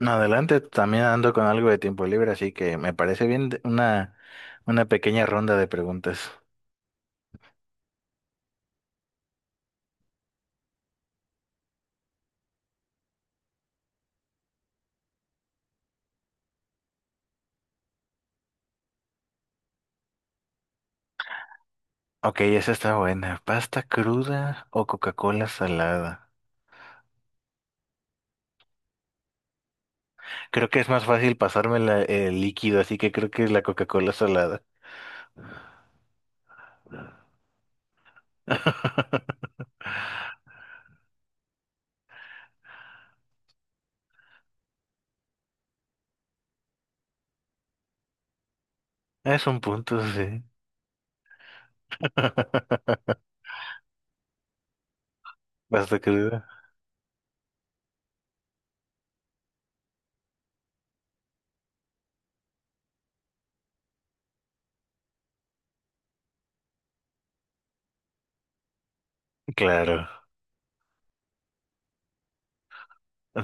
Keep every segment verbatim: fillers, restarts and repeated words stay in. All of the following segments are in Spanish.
No, adelante, también ando con algo de tiempo libre, así que me parece bien de- una, una pequeña ronda de preguntas. Ok, esa está buena. ¿Pasta cruda o Coca-Cola salada? Creo que es más fácil pasarme la- el líquido, así que creo que es la Coca-Cola salada. Es un punto, sí. ¿Pasta cruda? Claro.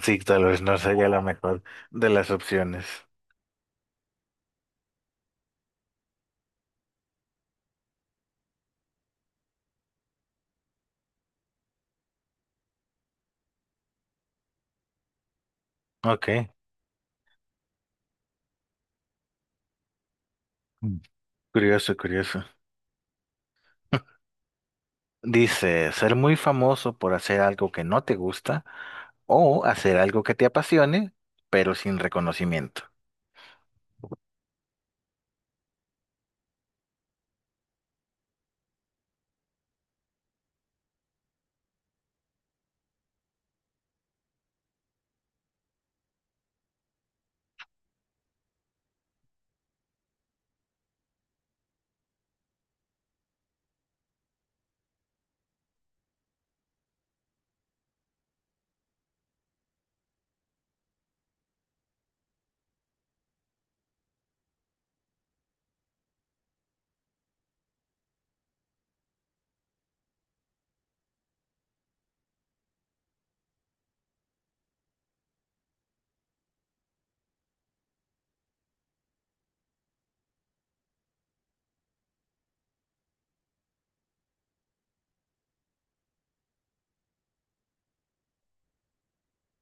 Sí, tal vez no sería la mejor de las opciones. Ok. Mm. Curioso, curioso. Dice, ser muy famoso por hacer algo que no te gusta o hacer algo que te apasione, pero sin reconocimiento.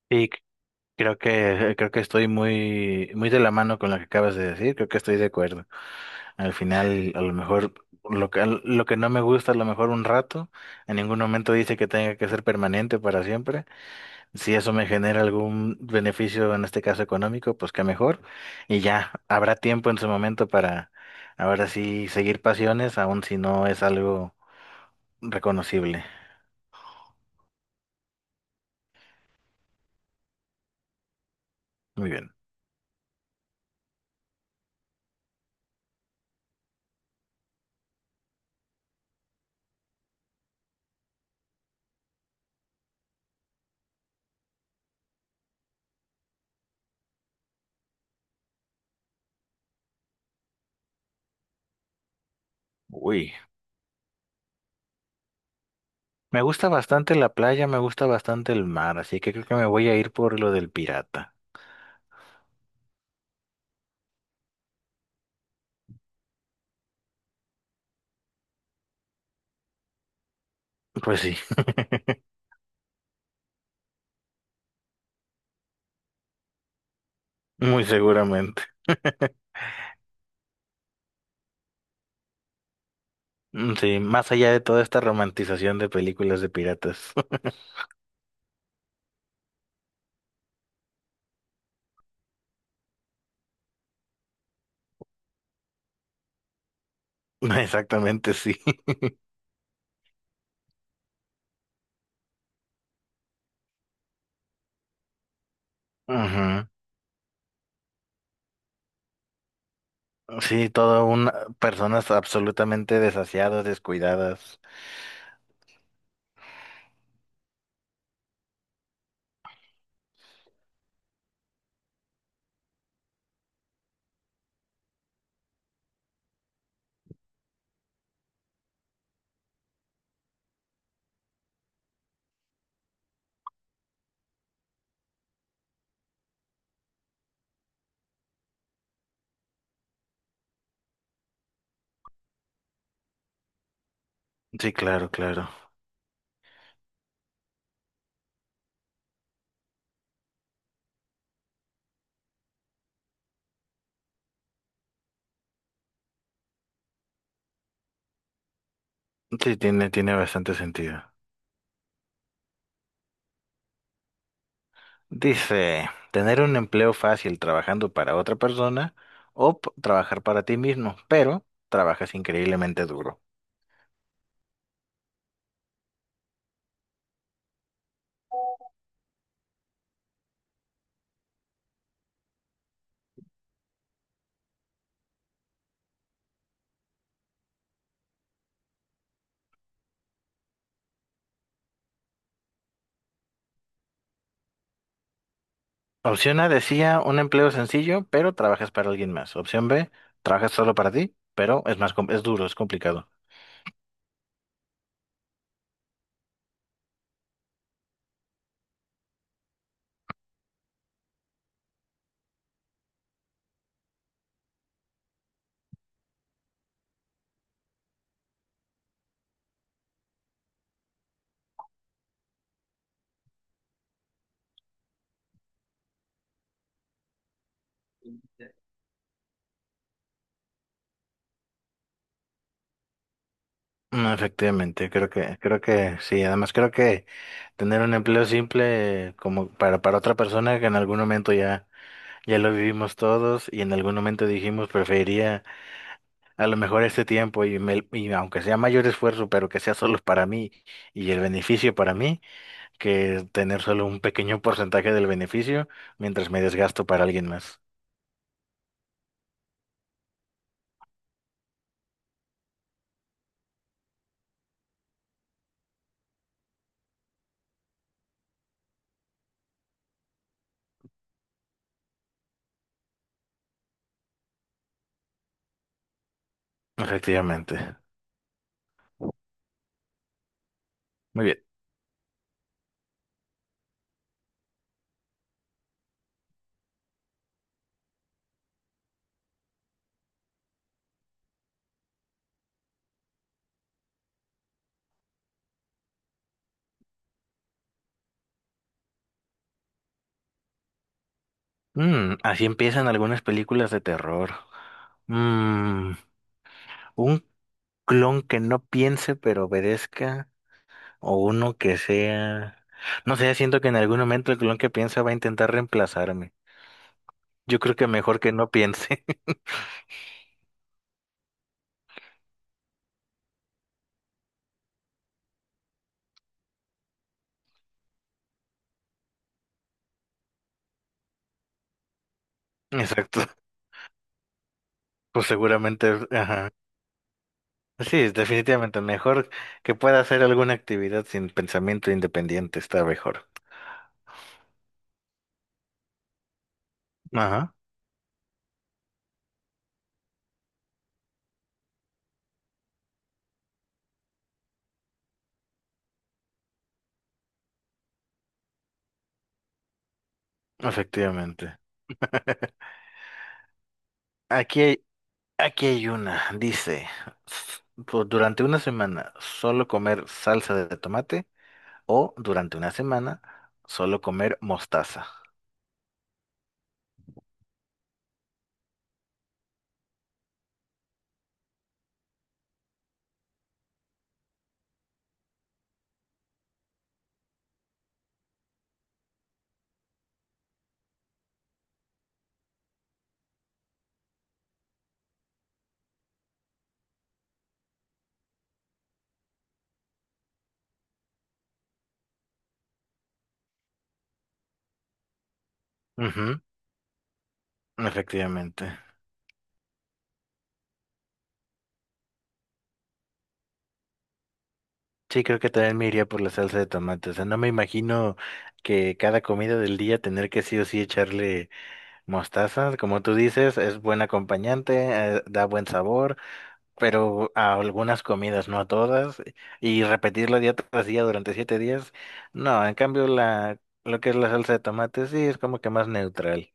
Y c- Creo que, creo que estoy muy, muy de la mano con lo que acabas de decir, creo que estoy de acuerdo. Al final, a lo mejor lo que, lo que no me gusta, a lo mejor un rato, en ningún momento dice que tenga que ser permanente para siempre. Si eso me genera algún beneficio, en este caso económico, pues qué mejor. Y ya habrá tiempo en su momento para ahora sí seguir pasiones, aun si no es algo reconocible. Muy bien. Uy. Me gusta bastante la playa, me gusta bastante el mar, así que creo que me voy a ir por lo del pirata. Pues sí, muy seguramente. Mm, sí, más allá de toda esta romantización de películas de piratas. Exactamente, sí. Ujú. Sí, todo una, personas absolutamente desasiadas, descuidadas. Sí, claro, claro. Sí, tiene, tiene bastante sentido. Dice, tener un empleo fácil trabajando para otra persona o p- trabajar para ti mismo, pero trabajas increíblemente duro. Opción A decía un empleo sencillo, pero trabajas para alguien más. Opción B, trabajas solo para ti, pero es más, com- es duro, es complicado. No, efectivamente, creo que, creo que sí. Además, creo que tener un empleo simple como para, para otra persona que en algún momento ya, ya lo vivimos todos y en algún momento dijimos preferiría a lo mejor este tiempo y, me- y aunque sea mayor esfuerzo, pero que sea solo para mí y el beneficio para mí, que tener solo un pequeño porcentaje del beneficio mientras me desgasto para alguien más. Efectivamente. Muy bien. Mm, así empiezan algunas películas de terror. Mm, un clon que no piense pero obedezca, o uno que sea, no sé, siento que en algún momento el clon que piensa va a intentar reemplazarme. Yo creo que mejor que no piense. Exacto. Pues seguramente, ajá. Sí, es definitivamente mejor que pueda hacer alguna actividad sin pensamiento independiente, está mejor. Ajá, efectivamente. Aquí hay, aquí hay una, dice, s- por- durante una semana solo comer salsa de tomate, o durante una semana, solo comer mostaza. Ujú, efectivamente. Sí, creo que también me iría por la salsa de tomate. O sea, no me imagino que cada comida del día tener que sí o sí echarle mostaza. Como tú dices, es buen acompañante, eh, da buen sabor, pero a algunas comidas, no a todas. Y repetirlo día tras día durante siete días. No, en cambio, la, lo que es la salsa de tomate sí es como que más neutral.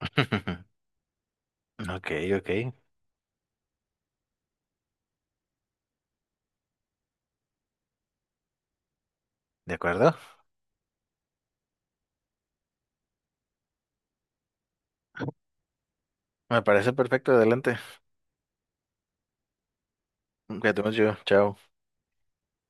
Ok, ok, ¿de acuerdo? Me parece perfecto, adelante. Cuídate mucho, chao.